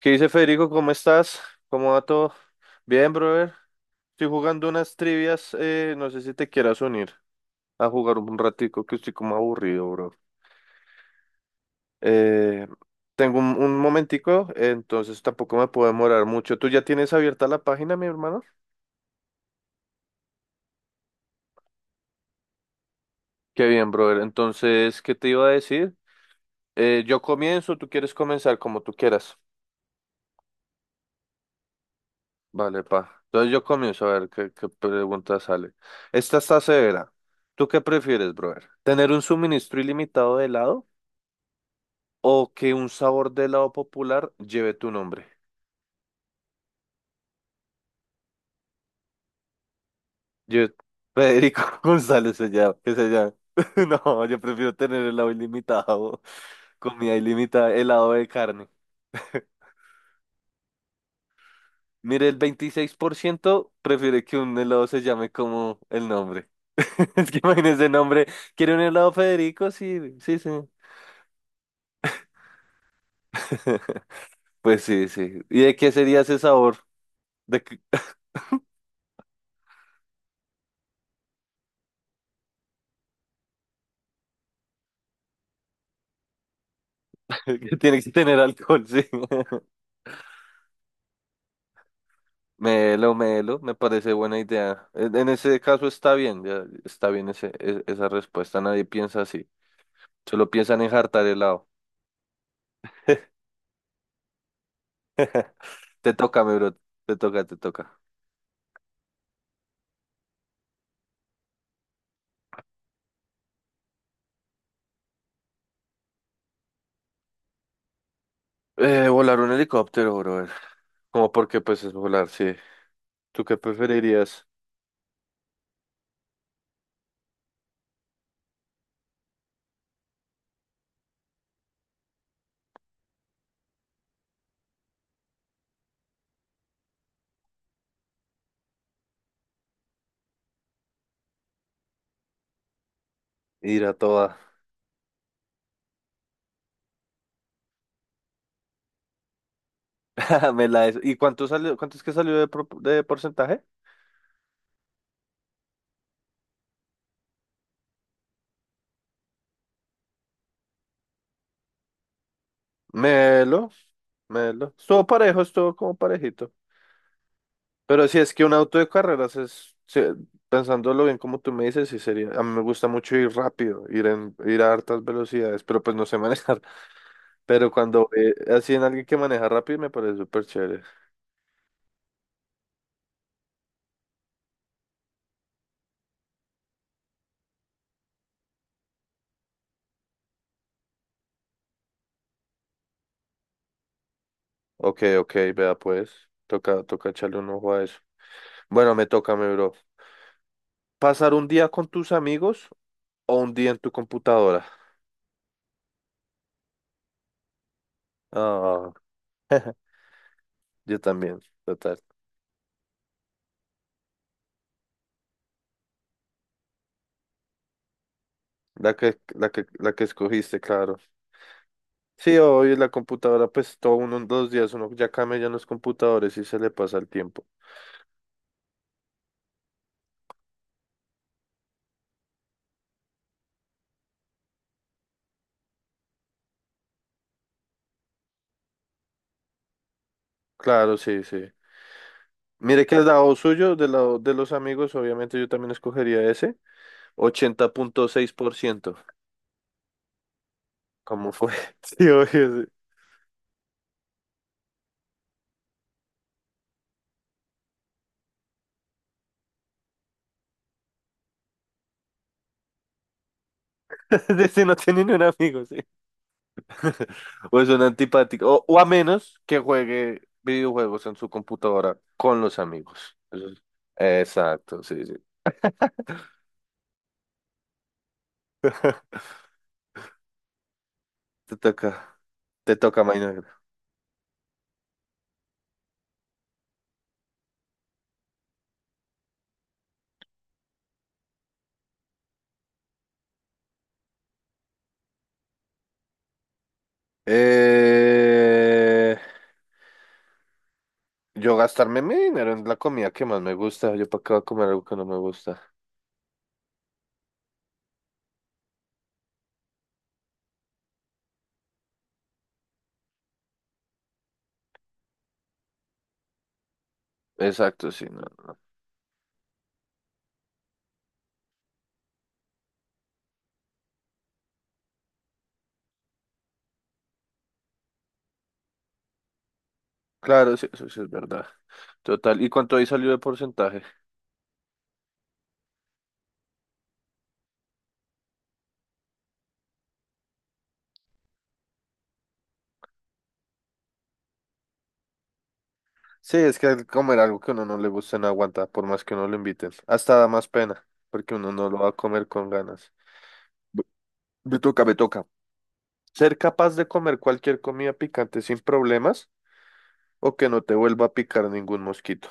¿Qué dice Federico? ¿Cómo estás? ¿Cómo va todo? Bien, brother. Estoy jugando unas trivias. No sé si te quieras unir a jugar un ratico, que estoy como aburrido, bro. Eh, Tengo un momentico, entonces tampoco me puedo demorar mucho. ¿Tú ya tienes abierta la página, mi hermano? Qué bien, brother. Entonces, ¿qué te iba a decir? Yo comienzo, tú quieres comenzar como tú quieras. Vale, pa. Entonces yo comienzo a ver qué pregunta sale. Esta está severa. ¿Tú qué prefieres, brother? ¿Tener un suministro ilimitado de helado o que un sabor de helado popular lleve tu nombre? Yo, Federico González se llama, que se llama. No, yo prefiero tener helado ilimitado, comida ilimitada, helado de carne. Mire, el 26% prefiere que un helado se llame como el nombre. Es que imagínese el nombre. ¿Quiere un helado Federico? Sí, sí, sí. Pues sí, sí. ¿Y de qué sería ese sabor? De que, que tiene que tener alcohol, sí. Melo, melo, me parece buena idea. En ese caso está bien, ya está bien ese, esa respuesta. Nadie piensa así. Solo piensan en jartar helado. Te toca, mi bro. Te toca, te toca. Volar un helicóptero, brother. Como porque pues es volar, sí. ¿Tú qué preferirías? Ir a toda. ¿Y cuánto salió? ¿Cuánto es que salió de porcentaje? Melo, melo. Estuvo parejo, estuvo como parejito. Pero si es que un auto de carreras pensándolo bien como tú me dices, sí sería, a mí me gusta mucho ir rápido, ir a hartas velocidades, pero pues no sé manejar. Pero cuando así en alguien que maneja rápido me parece súper chévere. Ok, ok, vea pues, toca, toca echarle un ojo a eso. Bueno, me toca, mi bro. ¿Pasar un día con tus amigos o un día en tu computadora? Ah, yo también, total. La que escogiste, claro. Sí, hoy la computadora, pues todo uno en dos días, uno ya cambia ya en los computadores y se le pasa el tiempo. Claro, sí, sí. Mire que el lado suyo, del lado de los amigos, obviamente yo también escogería ese, 80.6%. ¿Cómo fue? Sí, obvio. Sí. Ese no tiene ni un amigo, sí. O es un antipático. O a menos que juegue videojuegos en su computadora con los amigos. Eso es- Exacto, sí, sí. Te toca, te toca, Maynard. Eh... Yo gastarme mi dinero en la comida que más me gusta. Yo para qué voy a comer algo que no me gusta. Exacto, sí, no. No. Claro, sí, eso sí es verdad. Total. ¿Y cuánto ahí salió de porcentaje? Sí, es que el comer algo que a uno no le gusta no aguanta, por más que uno lo inviten. Hasta da más pena, porque uno no lo va a comer con ganas. Bu- Me toca, me toca. ¿Ser capaz de comer cualquier comida picante sin problemas o que no te vuelva a picar ningún mosquito?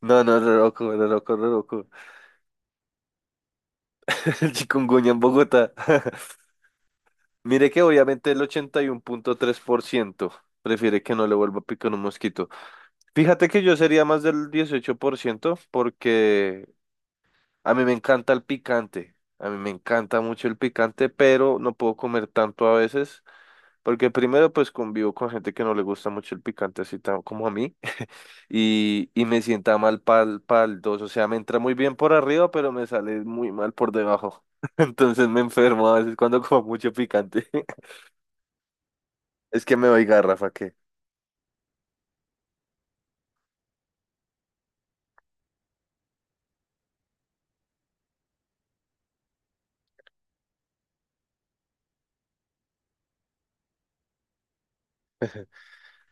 No, no, re loco, re loco, re loco. El chikungunya en Bogotá. Mire que obviamente el 81.3% prefiere que no le vuelva a picar un mosquito. Fíjate que yo sería más del 18% porque a mí me encanta el picante. A mí me encanta mucho el picante, pero no puedo comer tanto a veces. Porque primero pues convivo con gente que no le gusta mucho el picante, así como a mí. Y me sienta mal pal dos. O sea, me entra muy bien por arriba, pero me sale muy mal por debajo. Entonces me enfermo a veces cuando como mucho picante. Es que me doy garrafa.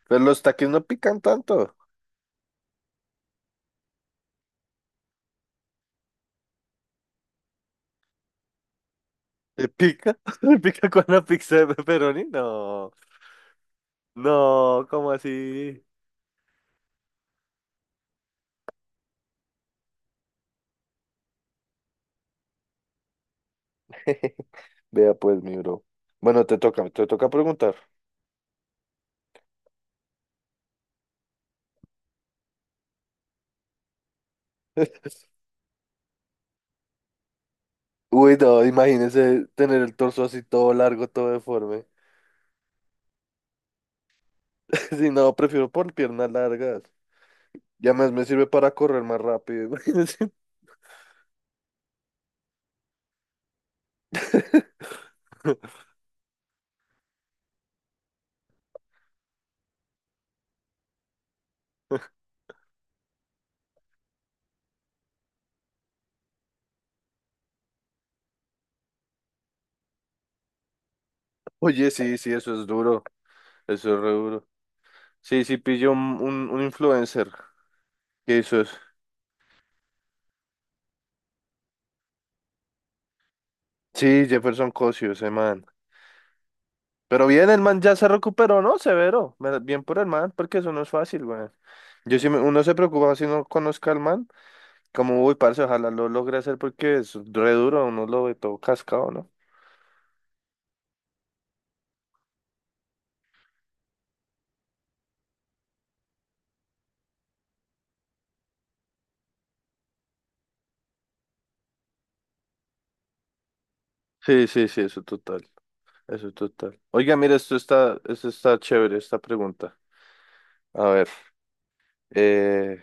Pero los taquis no pican tanto. ¿Te pica? ¿Te pica con una pizza de pepperoni? No, no, ¿cómo así? Vea pues, mi bro. Bueno, te toca preguntar. Uy, no, imagínese tener el torso así todo largo, todo deforme. Si no, prefiero por piernas largas. Ya más me sirve para correr más rápido, imagínese. Oye, sí, sí, eso es duro. Eso es re duro. Sí, sí, pillo un influencer que hizo eso. Sí, Jefferson Cosio, ese man. Pero bien, el man ya se recuperó, ¿no? Severo. Bien por el man, porque eso no es fácil, güey. Yo sí, uno se preocupa si no conozca al man, como, uy, parce, ojalá lo logre hacer porque es re duro, uno lo ve todo cascado, ¿no? Sí, sí, sí, eso total, eso total. Oiga, mira, esto está chévere, esta pregunta. A ver, eh,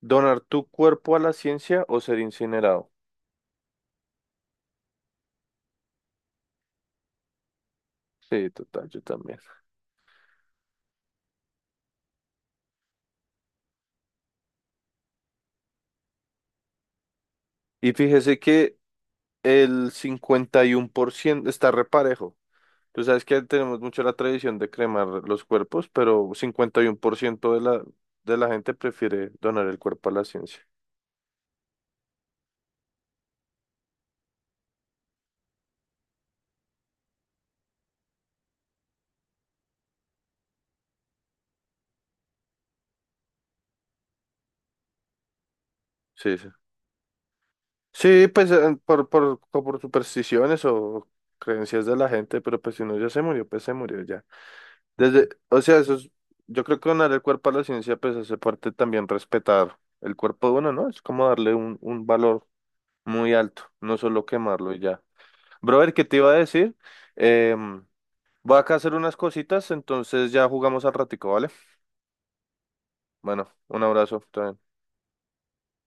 ¿donar tu cuerpo a la ciencia o ser incinerado? Sí, total, yo también. Y fíjese que el 51% está reparejo. Tú sabes que tenemos mucho la tradición de cremar los cuerpos, pero 51% de la gente prefiere donar el cuerpo a la ciencia. Sí, sí. Sí, pues o por supersticiones o creencias de la gente, pero pues si uno ya se murió, pues se murió ya. Desde, o sea, eso es, yo creo que donar el cuerpo a la ciencia, pues hace parte también respetar el cuerpo de uno, ¿no? Es como darle un valor muy alto, no solo quemarlo y ya. Brother, ¿qué te iba a decir? Em, Voy acá a hacer unas cositas, entonces ya jugamos al ratico, ¿vale? Bueno, un abrazo.